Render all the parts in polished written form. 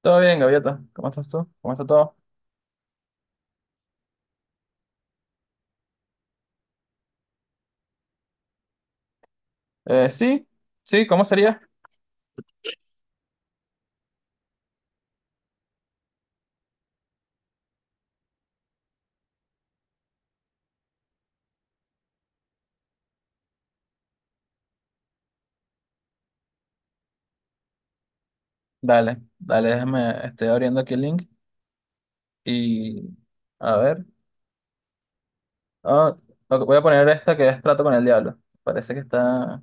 Todo bien, Gaviota. ¿Cómo estás tú? ¿Cómo está todo? Sí, sí, ¿cómo sería? Dale, dale, déjame, estoy abriendo aquí el link y a ver. Ah, ok, voy a poner esta que es Trato con el Diablo. Parece que está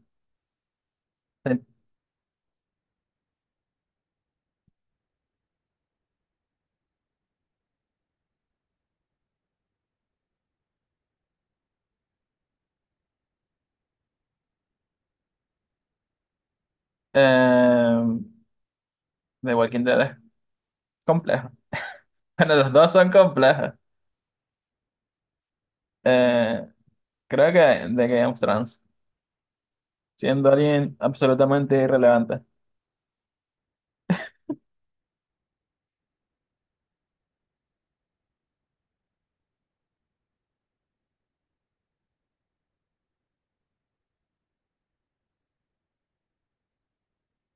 eh, de Walking Dead es complejo. Bueno, los dos son complejos. Eh, Creo que de Game of Thrones, siendo alguien absolutamente irrelevante.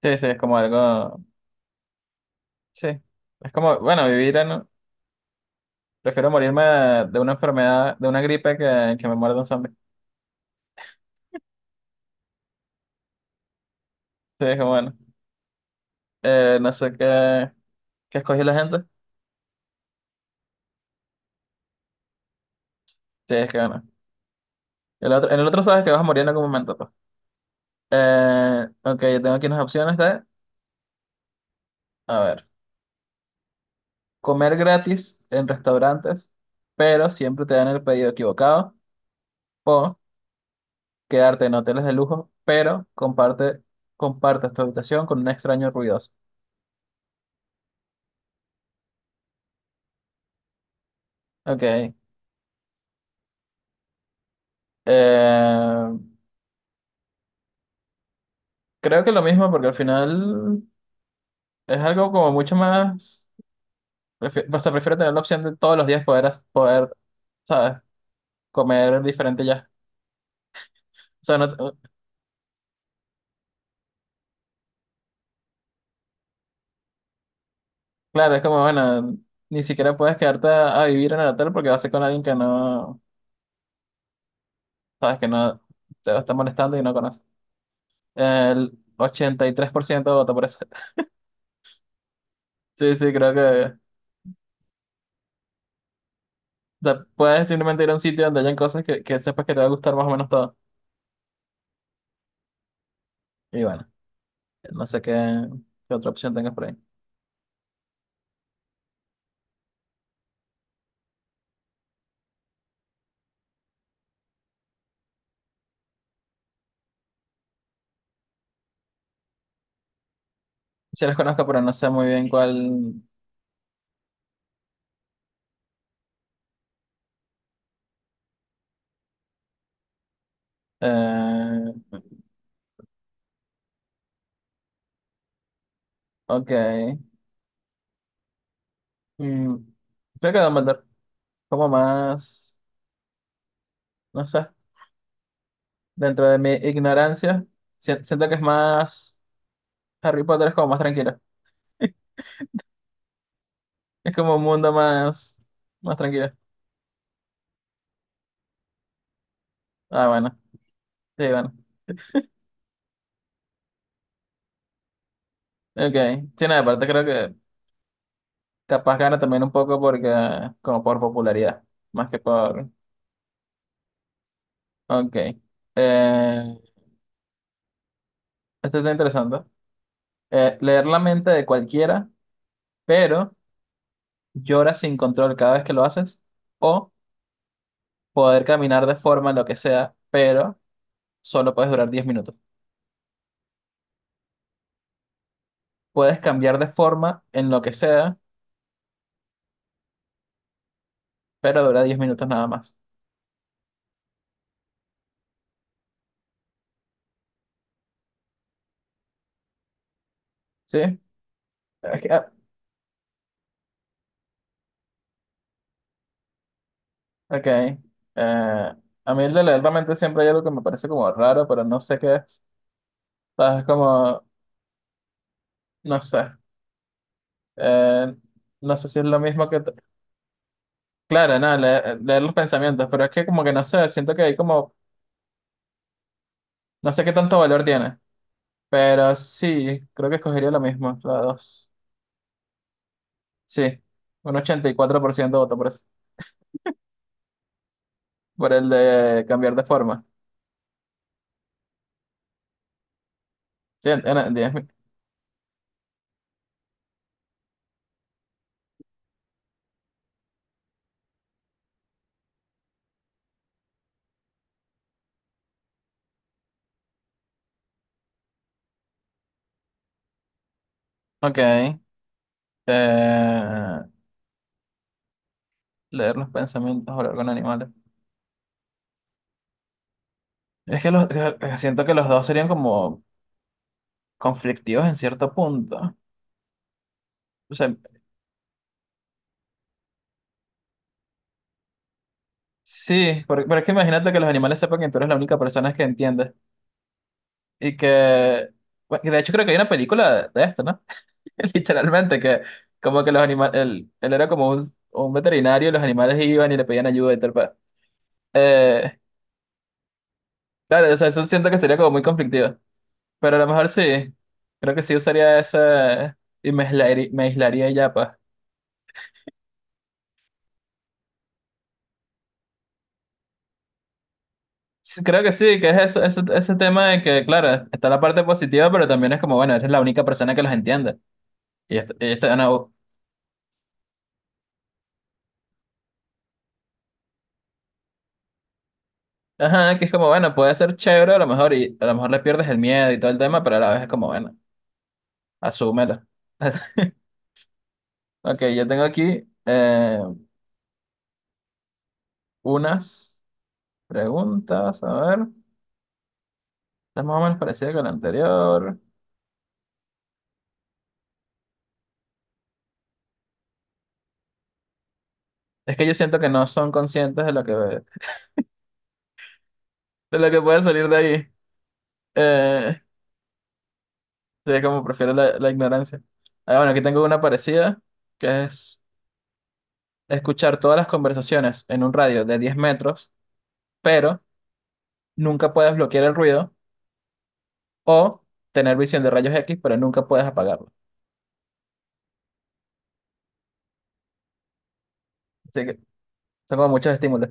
Sí, sí, es como algo. Sí, es como, bueno, vivir en, prefiero morirme de una enfermedad, de una gripe, que me muerda un zombie. Sí, es que bueno. No sé qué escogió la gente. Sí, es que bueno. El otro, en el otro sabes que vas a morir en algún momento, pues. Ok, yo tengo aquí unas opciones de, a ver, comer gratis en restaurantes, pero siempre te dan el pedido equivocado, o quedarte en hoteles de lujo, pero comparte, compartes tu habitación con un extraño ruidoso. Ok. Creo que lo mismo, porque al final. Es algo como mucho más, o sea, prefiero tener la opción de todos los días poder, poder, ¿sabes? Comer diferente ya. O sea, no, claro, es como, bueno, ni siquiera puedes quedarte a vivir en el hotel porque vas a ser con alguien que no, ¿sabes? Que no te va a estar molestando y no conoce. El 83% vota por eso. Sí, sí, creo que, o sea, puedes simplemente ir a un sitio donde hayan cosas que sepas que te va a gustar más o menos todo. Y bueno, no sé qué otra opción tengas por ahí. Sí las conozco, pero no sé muy bien cuál... eh, ok. Mm, creo que Dumbledore, como más, no sé, dentro de mi ignorancia, siento que es más, Harry Potter es como más tranquilo. Es como un mundo más, más tranquilo. Ah, bueno, sí, bueno. Ok. Sí, nada, aparte creo que capaz gana también un poco porque, como por popularidad, más que por... Ok. Eh, Esto está interesante. Leer la mente de cualquiera, pero llora sin control cada vez que lo haces, o poder caminar de forma, en lo que sea, pero solo puedes durar 10 minutos. Puedes cambiar de forma en lo que sea, pero dura 10 minutos nada más. ¿Sí? Ok. Ah, ok. Eh, a mí el de leer la mente siempre hay algo que me parece como raro, pero no sé qué es. ¿Sabes? Como, no sé. Eh, no sé si es lo mismo que... claro, nada, leer los pensamientos, pero es que como que no sé, siento que hay como... No sé qué tanto valor tiene, pero sí, creo que escogería lo mismo, la dos. Sí, un 84% votó por el de cambiar de forma. Sí, en 10 mil. Ok. Leer los pensamientos, hablar con animales. Es que los, siento que los dos serían como conflictivos en cierto punto. O sea, sí, pero, es que imagínate que los animales sepan que tú eres la única persona que entiende. Y que, bueno, que de hecho creo que hay una película de esto, ¿no? Literalmente, que como que los animales, él era como un veterinario y los animales iban y le pedían ayuda y tal. Eh, claro, o sea, eso siento que sería como muy conflictivo. Pero a lo mejor sí. Creo que sí usaría esa y me aislaría ya, pues. Sí, creo que sí, que es ese tema de que, claro, está la parte positiva, pero también es como, bueno, eres la única persona que los entiende. Y esto, no, ajá, que es como, bueno, puede ser chévere a lo mejor y a lo mejor le pierdes el miedo y todo el tema, pero a la vez es como, bueno, asúmelo. Ok, yo tengo aquí unas preguntas, a ver, es más o menos parecida con la anterior. Es que yo siento que no son conscientes de lo que puede salir de ahí. Eh, sí, como prefiero la ignorancia. Ah, bueno, aquí tengo una parecida, que es escuchar todas las conversaciones en un radio de 10 metros, pero nunca puedes bloquear el ruido, o tener visión de rayos X, pero nunca puedes apagarlo. Así que son como muchos estímulos.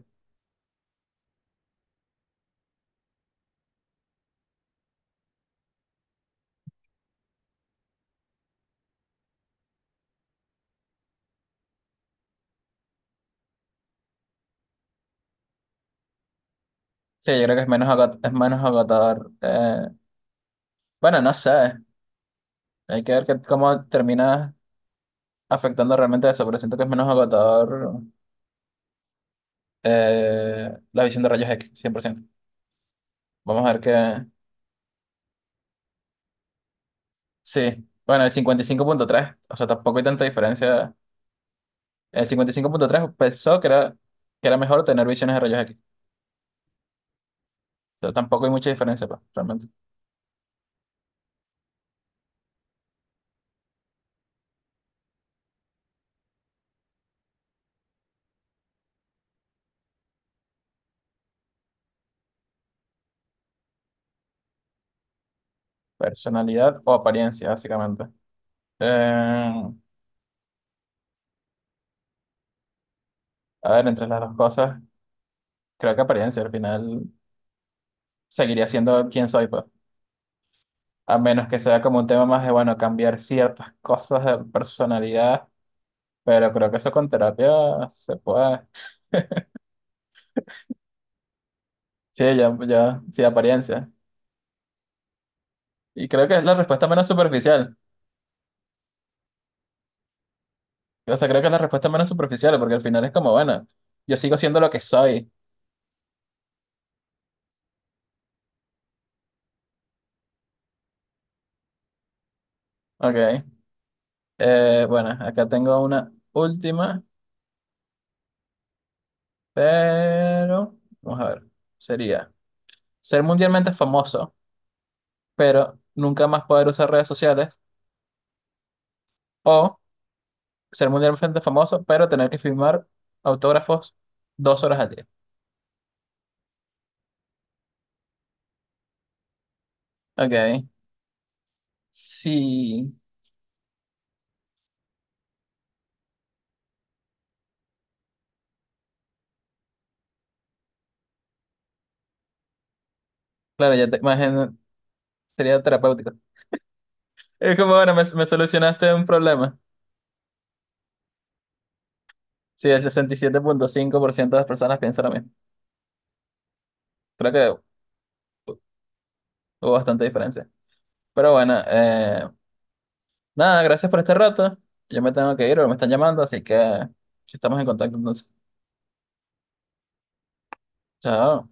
Sí, yo creo que es menos agotador. Bueno, no sé, hay que ver cómo termina afectando realmente eso, pero siento que es menos agotador la visión de rayos X, 100%. Vamos a ver qué, sí, bueno, el 55,3 o sea, tampoco hay tanta diferencia. El 55,3 pensó que era mejor tener visiones de rayos X. O sea, tampoco hay mucha diferencia, pues, realmente. Personalidad o apariencia, básicamente. Eh, a ver, entre las dos cosas, creo que apariencia al final seguiría siendo quien soy, pues. A menos que sea como un tema más de, bueno, cambiar ciertas cosas de personalidad, pero creo que eso con terapia se puede. Sí, ya, ya, sí, apariencia. Y creo que es la respuesta menos superficial, o sea, creo que la respuesta es menos superficial porque al final es como, bueno, yo sigo siendo lo que soy. Ok. Bueno, acá tengo una última, pero vamos a ver. Sería ser mundialmente famoso, pero nunca más poder usar redes sociales, o ser mundialmente famoso, pero tener que firmar autógrafos 2 horas al día. Ok. Sí. Claro, ya te imagino, sería terapéutico. Es como, bueno, me solucionaste un problema. Sí, el 67,5% de las personas piensan lo mismo. Creo que hubo bastante diferencia. Pero bueno, nada, gracias por este rato. Yo me tengo que ir, me están llamando, así que estamos en contacto entonces. Chao.